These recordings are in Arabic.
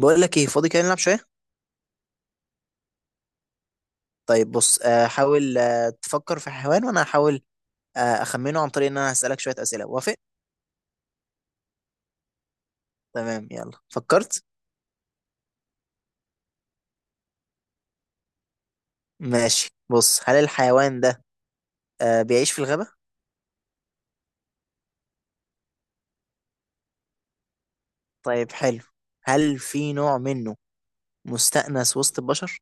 بقول لك ايه؟ فاضي كده، نلعب شويه. طيب بص، حاول تفكر في حيوان وانا هحاول اخمنه عن طريق ان انا هسالك شويه اسئله. وافق؟ تمام، يلا فكرت. ماشي، بص، هل الحيوان ده بيعيش في الغابه؟ طيب، حلو. هل في نوع منه مستأنس وسط البشر؟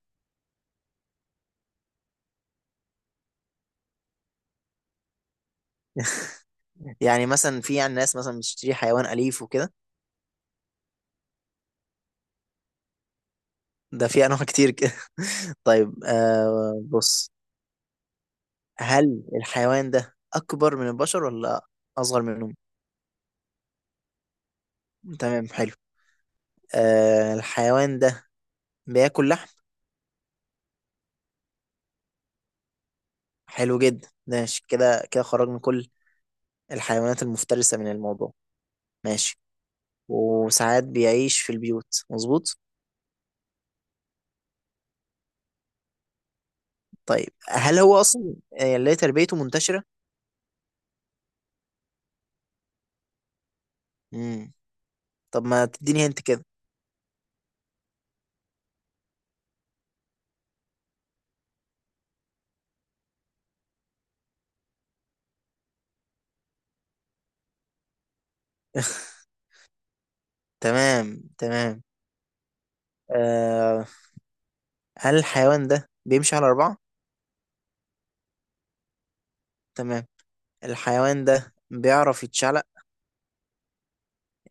يعني مثلا في يعني ناس مثلا بتشتري حيوان أليف وكده. ده في انواع كتير كده. طيب، بص، هل الحيوان ده اكبر من البشر ولا اصغر منهم؟ تمام، حلو. الحيوان ده بياكل لحم؟ حلو جدا. ماشي، كده كده خرج من كل الحيوانات المفترسة من الموضوع. ماشي، وساعات بيعيش في البيوت، مظبوط؟ طيب، هل هو أصلا، اللي هي تربيته منتشرة؟ مم. طب ما تديني هنت كده. تمام تمام. آه هل الحيوان ده بيمشي على أربعة؟ تمام. الحيوان ده بيعرف يتشعلق؟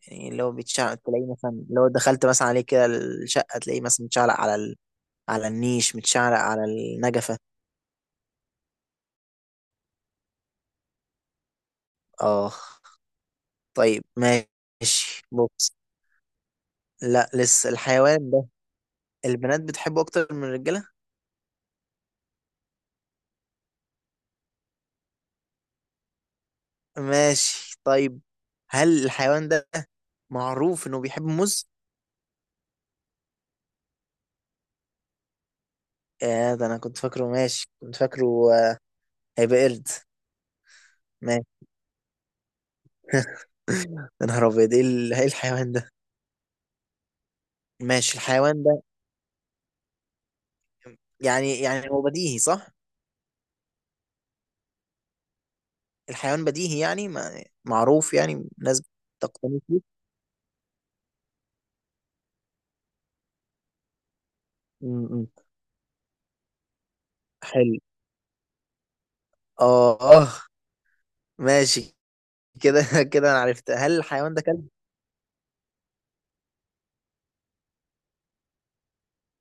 يعني لو بيتشعلق تلاقيه مثلا لو دخلت مثلا عليه كده الشقة تلاقيه مثلا متشعلق على ال، على النيش، متشعلق على النجفة. اه. طيب، ماشي، بص، لا لسه الحيوان ده البنات بتحبه اكتر من الرجاله؟ ماشي، طيب، هل الحيوان ده معروف انه بيحب موز؟ يا ده انا كنت فاكره، ماشي كنت فاكره. آه، هيبقى قرد. ماشي. يا نهار ابيض، ايه إيه الحيوان ده؟ ماشي، الحيوان ده، يعني هو بديهي صح؟ الحيوان بديهي يعني، ما معروف يعني. الناس بتقتني فيه؟ م- م. حلو. اه، ماشي كده. كده انا عرفت. هل الحيوان ده كلب؟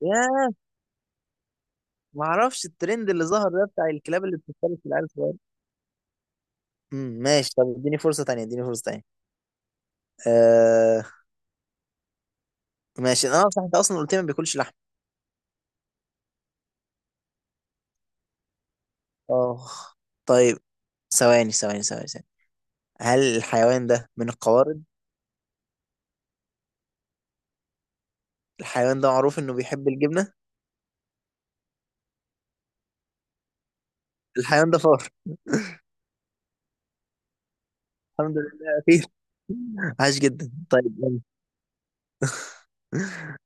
ياه، ما اعرفش الترند اللي ظهر ده بتاع الكلاب اللي بتفترس العيال الصغيره. امم، ماشي. طب اديني فرصه تانية، اديني فرصه تانية. آه. ماشي. انا صح؟ انت اصلا قلت لي ما بياكلش لحم. اه، طيب، ثواني ثواني ثواني ثواني. هل الحيوان ده من القوارض؟ الحيوان ده معروف انه بيحب الجبنه؟ الحيوان ده فار! الحمد لله اخير. عاش جدا. طيب يلا.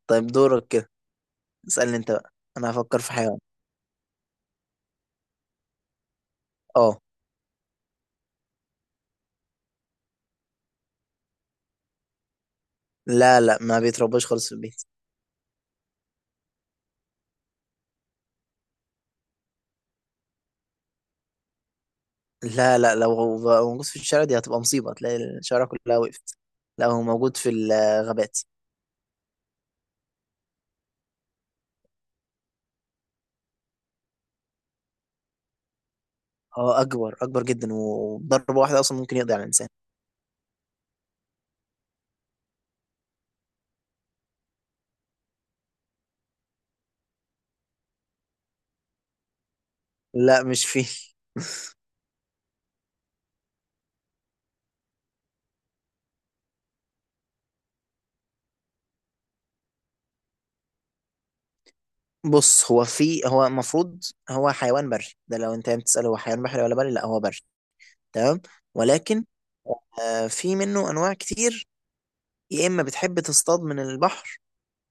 طيب دورك كده. اسالني انت بقى، انا هفكر في حيوان. اه. لا لا، ما بيترباش خالص في البيت. لا لا، لو بقى موجود في الشارع دي هتبقى مصيبة، تلاقي الشارع كلها وقفت. لا، هو موجود في الغابات. اه، أكبر، أكبر جدا، وضربة واحدة أصلا ممكن يقضي على الإنسان. لا مش فيه. بص، هو في، هو المفروض هو حيوان بري. ده لو أنت بتسأل هو حيوان بحري ولا بري، لا هو بري. تمام. ولكن، في منه أنواع كتير، يا إما بتحب تصطاد من البحر،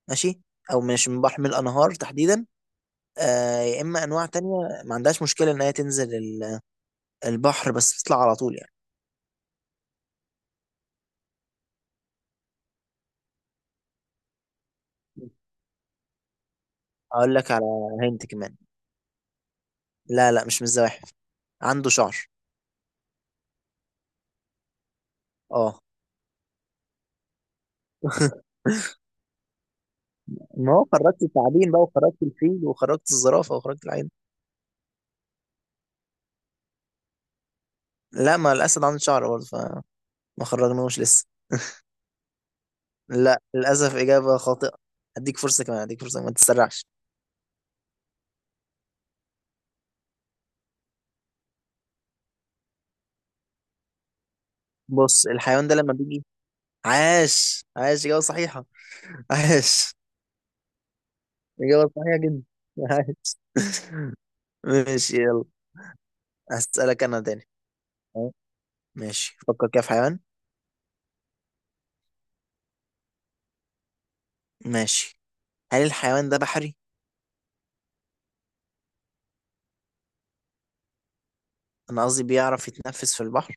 ماشي، أو مش من البحر، من الأنهار تحديدا. يا إما أنواع تانية ما عندهاش مشكلة إن هي تنزل البحر بس تطلع على طول. اقول لك على هنت كمان. لا لا، مش متزوحف، عنده شعر. اه. ما هو خرجت التعابين بقى، وخرجت الفيل، وخرجت الزرافة، وخرجت العين. لا، ما الأسد عنده شعر برضه، فما خرجناهوش لسه. لا، للأسف إجابة خاطئة. هديك فرصة كمان، هديك فرصة، ما تتسرعش. بص، الحيوان ده لما بيجي، عاش عاش، إجابة صحيحة. عاش، إجابة صحيحة جدا. عاش. ماشي، يلا. هسألك أنا تاني. أه، ماشي، فكر كده في حيوان. ماشي. هل الحيوان ده بحري؟ أنا قصدي بيعرف يتنفس في البحر؟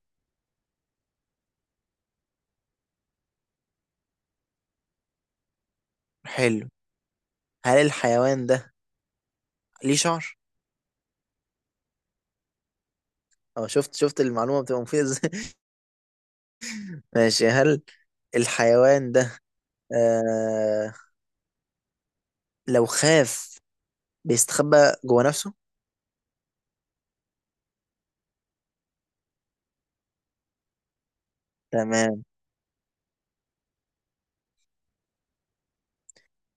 حلو. هل الحيوان ده ليه شعر؟ أه، شفت المعلومة بتبقى مفيدة إزاي؟ ماشي. هل الحيوان ده، آه لو خاف بيستخبى جوه نفسه؟ تمام.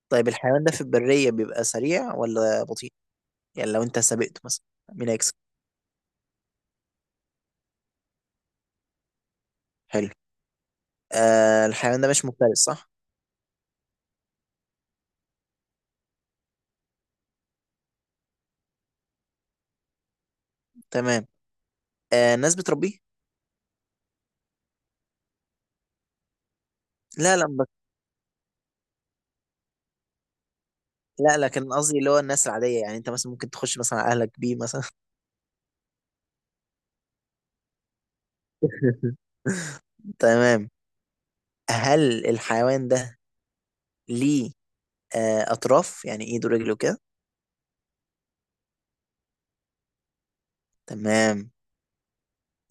طيب، الحيوان ده في البرية بيبقى سريع ولا بطيء؟ يعني لو أنت سابقته مثلا، مين هيكسب؟ حلو. الحيوان ده مش مفترس، صح؟ تمام. الناس بتربيه؟ لا لا لا، لكن قصدي اللي هو الناس العادية، يعني أنت مثلا ممكن تخش مثلا على أهلك بيه مثلا. تمام. هل الحيوان ده ليه أطراف يعني إيده ورجله كده؟ تمام.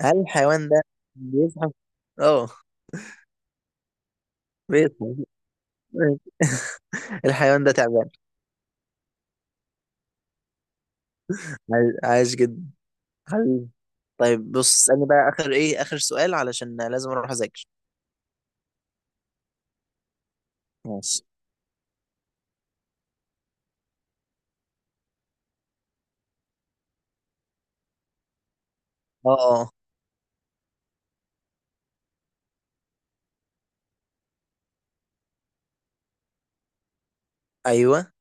هل الحيوان ده بيزحف؟ اه، بيزحف. الحيوان ده تعبان! عايش جدا، حبيبي. طيب، بص، اسألني بقى آخر، إيه آخر سؤال، علشان لازم أروح أذاكر. ماشي. اه. اه. أيوه.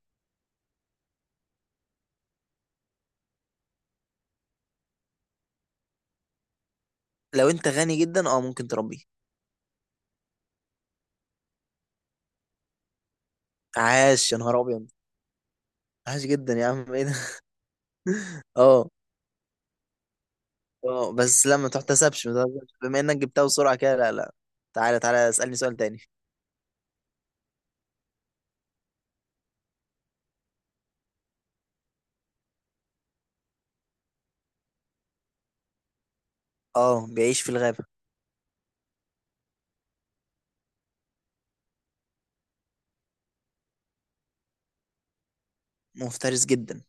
لو أنت غني جدا، اه ممكن تربيه. عاش يا نهار أبيض. عاش جدا، يا عم إيه ده؟ اه. اه، بس لا، ما تحتسبش ما تحتسبش. بما إنك جبتها بسرعة كده، لا لا. تعالى تعالى اسألني سؤال تاني. اه، بيعيش في الغابة. مفترس جدا.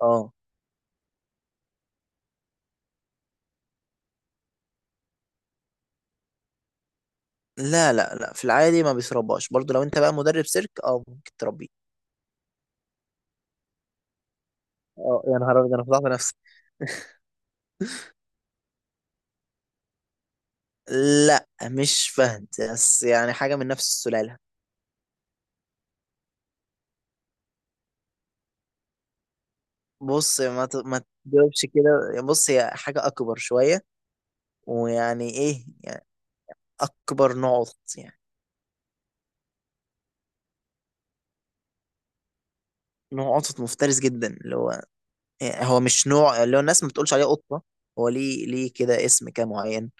اه. لا لا لا، في العادي ما بيشربهاش برضو. لو انت بقى مدرب سيرك، اه ممكن تربيه. اه، يا نهار ابيض، انا فضحت نفسي. لا، مش فهد، بس يعني حاجة من نفس السلالة. بص، ما تجاوبش كده. بص، هي حاجة أكبر شوية. ويعني إيه يعني، أكبر نوع قطط يعني، نوع قطط مفترس جدا، اللي هو، يعني هو مش نوع اللي هو الناس ما بتقولش عليه قطة. هو ليه، كده اسم كده معين.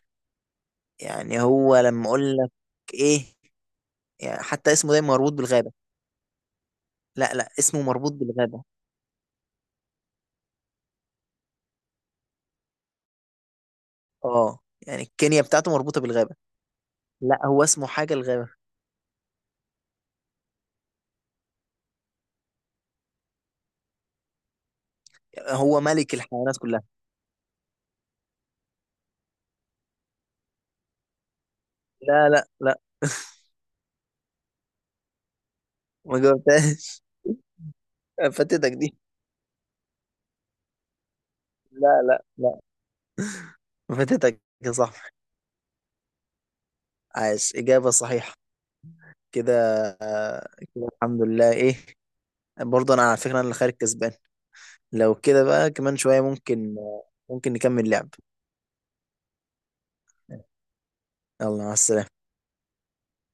يعني هو لما أقول لك إيه، يعني حتى اسمه دايما مربوط بالغابة. لا لا، اسمه مربوط بالغابة. اه. يعني الكينيا بتاعته مربوطة بالغابة. لا، هو اسمه حاجة الغابة. هو ملك الحيوانات كلها. لا لا لا، ما جاوبتهاش. فاتتك دي. لا لا لا، فاتتك يا صاحبي. عاش، إجابة صحيحة. كده، آه، كده الحمد لله، ايه، برضه انا على فكرة انا اللي خارج كسبان. لو كده بقى كمان شوية ممكن، ممكن نكمل لعب. يلا، مع السلامة.